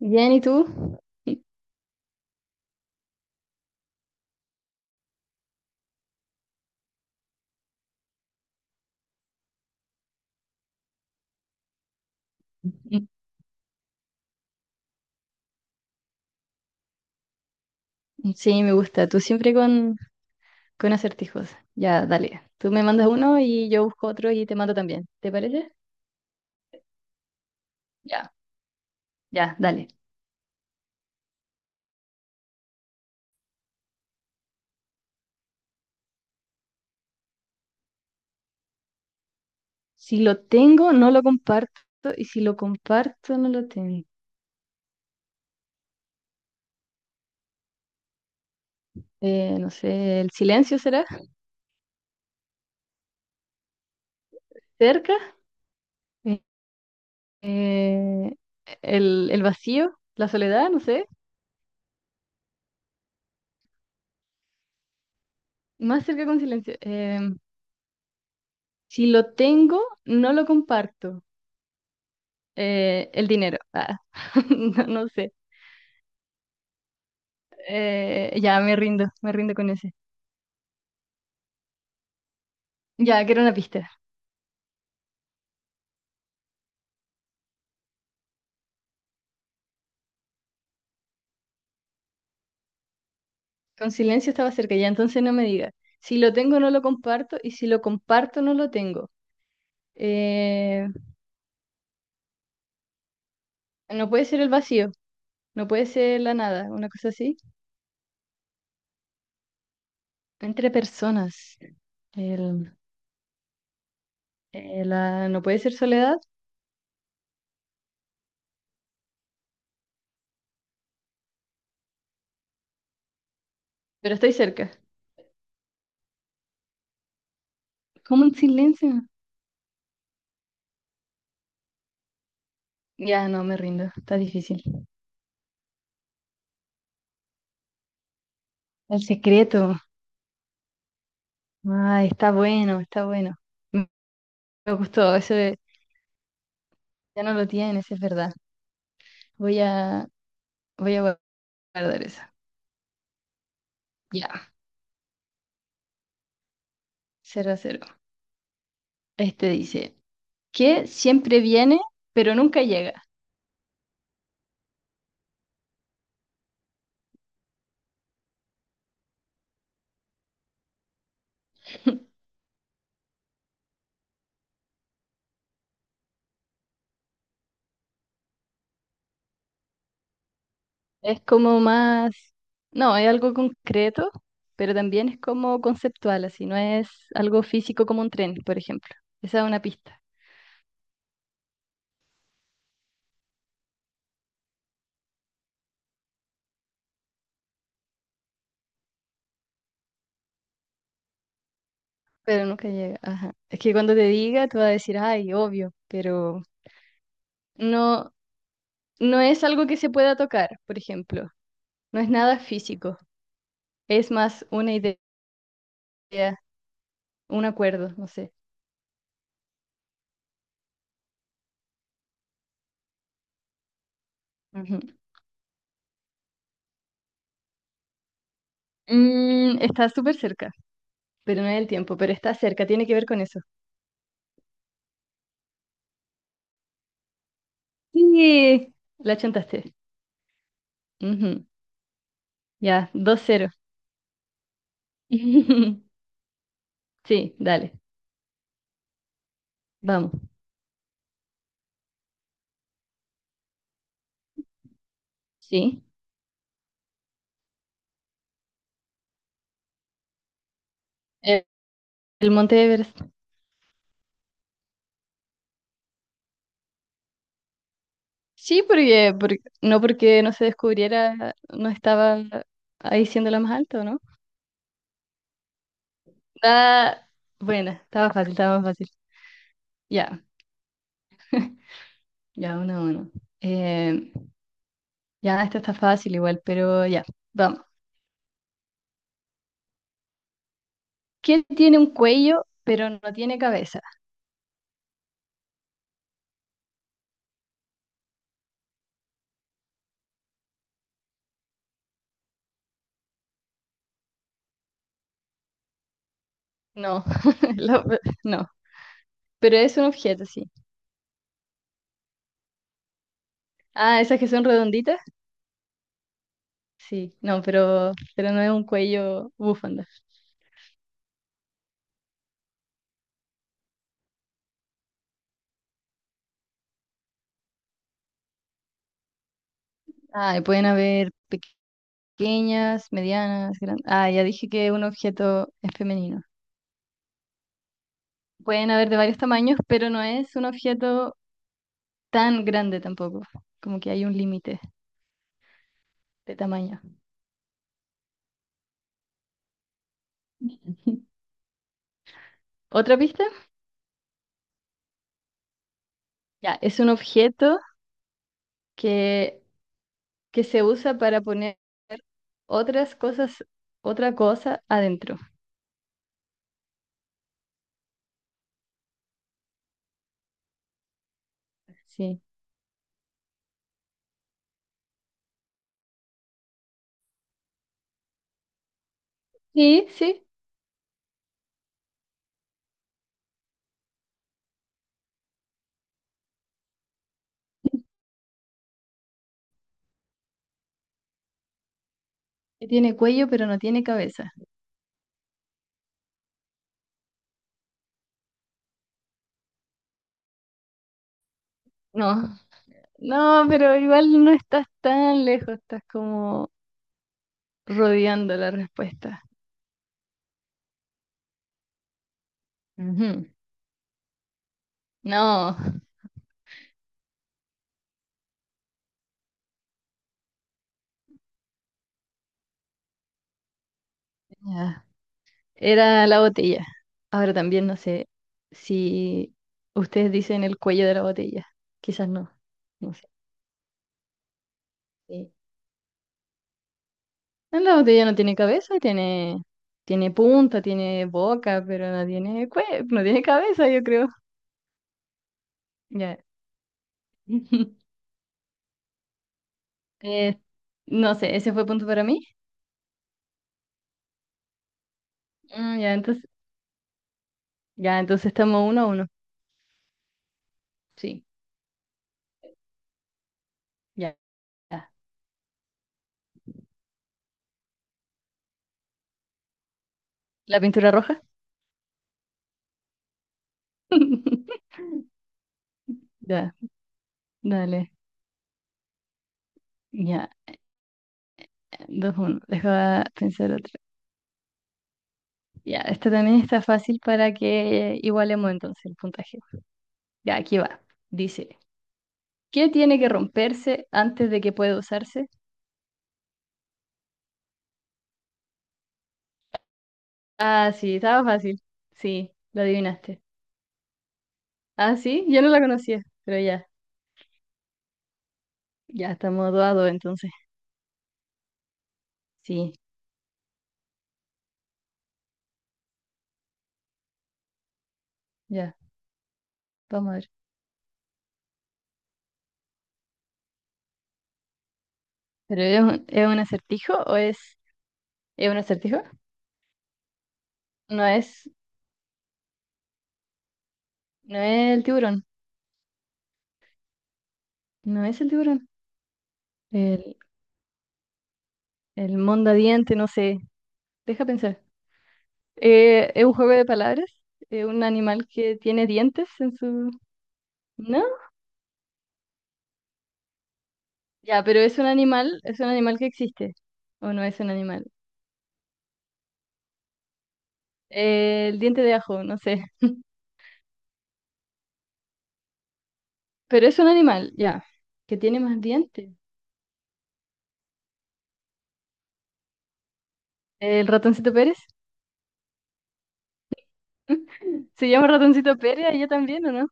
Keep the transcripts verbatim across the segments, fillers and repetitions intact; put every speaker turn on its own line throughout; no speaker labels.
Bien, ¿y tú? Sí, me gusta. Tú siempre con, con acertijos. Ya, dale. Tú me mandas uno y yo busco otro y te mando también. ¿Te parece? Ya, ya, dale. Si lo tengo, no lo comparto. Y si lo comparto, no lo tengo. Eh, no sé, ¿el silencio será? ¿Cerca? Eh, eh, el, el vacío? ¿La soledad? No sé. Más cerca con silencio. Eh, si lo tengo, no lo comparto. Eh, el dinero. Ah, no, no sé. Eh, ya, me rindo, me rindo con ese. Ya, que era una pista. Con silencio estaba cerca, ya entonces no me digas. Si lo tengo, no lo comparto, y si lo comparto, no lo tengo. Eh, no puede ser el vacío, no puede ser la nada, una cosa así. Entre personas. El, eh, la, no puede ser soledad, pero estoy cerca. ¿Cómo en silencio? Ya, no, me rindo, está difícil. El secreto. Ay, está bueno, está bueno. Me me gustó, eso eh, ya no lo tienes, es verdad. Voy a, Voy a guardar esa. Ya, cero a cero. Este dice, que siempre viene, pero nunca llega. Es como más, no, es algo concreto, pero también es como conceptual, así, no es algo físico como un tren, por ejemplo. Esa es una pista, pero nunca llega. Ajá. Es que cuando te diga, tú vas a decir, ay, obvio, pero no, no es algo que se pueda tocar, por ejemplo. No es nada físico, es más una idea, un acuerdo, no sé. Ujú. Mm, está súper cerca, pero no es el tiempo, pero está cerca, tiene que ver con eso. Sí, la chantaste. Ujú. Ya, dos cero. Sí, dale, vamos. Sí, eh, el Monte Everest. Sí, porque, porque- no porque no se descubriera, no estaba ahí siendo la más alta, ¿no? Ah, buena, estaba fácil, estaba más fácil. Ya, ya, uno a uno. Eh, ya, esto está fácil igual, pero ya, vamos. ¿Qué tiene un cuello pero no tiene cabeza? No, la- no, pero es un objeto, sí. Ah, esas que son redonditas, sí, no, pero, pero no es un cuello bufanda. Ah, y pueden haber pequeñas, medianas, grandes. Ah, ya dije que un objeto es femenino. Pueden haber de varios tamaños, pero no es un objeto tan grande tampoco, como que hay un límite de tamaño. ¿Otra pista? Ya, es un objeto que, que se usa para poner otras cosas, otra cosa adentro. Sí. Sí, sí. Que tiene cuello, pero no tiene cabeza. No, no, pero igual no estás tan lejos, estás como rodeando la respuesta. Ujú. No. Ya, era la botella. Ahora también no sé si ustedes dicen el cuello de la botella. Quizás no, no sé. Sí. La botella no tiene cabeza, tiene, tiene punta, tiene boca, pero no tiene cue- no tiene cabeza, yo creo. Ya. Eh, no sé, ese fue punto para mí. Ah, ya, entonces, ya, entonces estamos uno a uno. Sí, ya. Ya. ¿La pintura roja? Ya, dale. Ya, dos, uno. Deja pensar otro. Ya, esta también está fácil para que igualemos entonces el puntaje. Ya, aquí va. Dice, ¿qué tiene que romperse antes de que pueda usarse? Ah, sí, estaba fácil. Sí, lo adivinaste. Ah, sí, yo no la conocía, pero ya, ya estamos dos a dos entonces. Sí, ya, vamos a ver. ¿Pero es un, es un acertijo o es, es un acertijo? No es, no es el tiburón, no es el tiburón. El, el mondadiente, no sé. Deja pensar. Eh, ¿es un juego de palabras? ¿Es un animal que tiene dientes en su... ¿No? Ya, pero es un animal, es un animal que existe. ¿O no es un animal? Eh, el diente de ajo, no sé. Pero es un animal, ya. Que tiene más dientes. ¿El ratoncito Pérez? ¿Se llama ratoncito Pérez allá también, o no?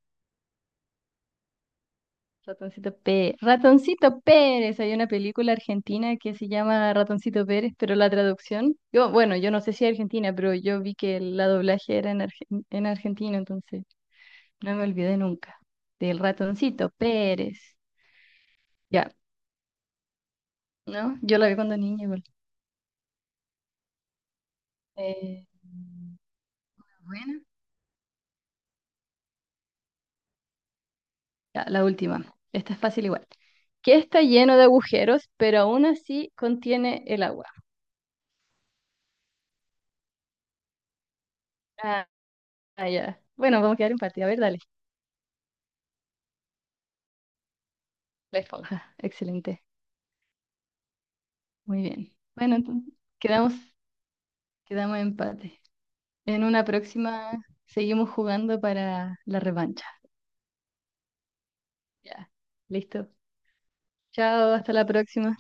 Ratoncito Pérez. Ratoncito Pérez. Hay una película argentina que se llama Ratoncito Pérez, pero la traducción, yo, bueno, yo no sé si es argentina, pero yo vi que la doblaje era en, Argen- en Argentina, entonces no me olvidé nunca del Ratoncito Pérez. Ya, ¿no? Yo la vi cuando niña igual. Eh, Buena. Ya, la última. Esta es fácil igual. Que está lleno de agujeros, pero aún así contiene el agua. Ah, ah, ya. Bueno, vamos a quedar empate. A ver, dale. La esponja. Excelente. Muy bien. Bueno, entonces quedamos, quedamos en empate. En una próxima seguimos jugando para la revancha. Ya. Listo. Chao, hasta la próxima.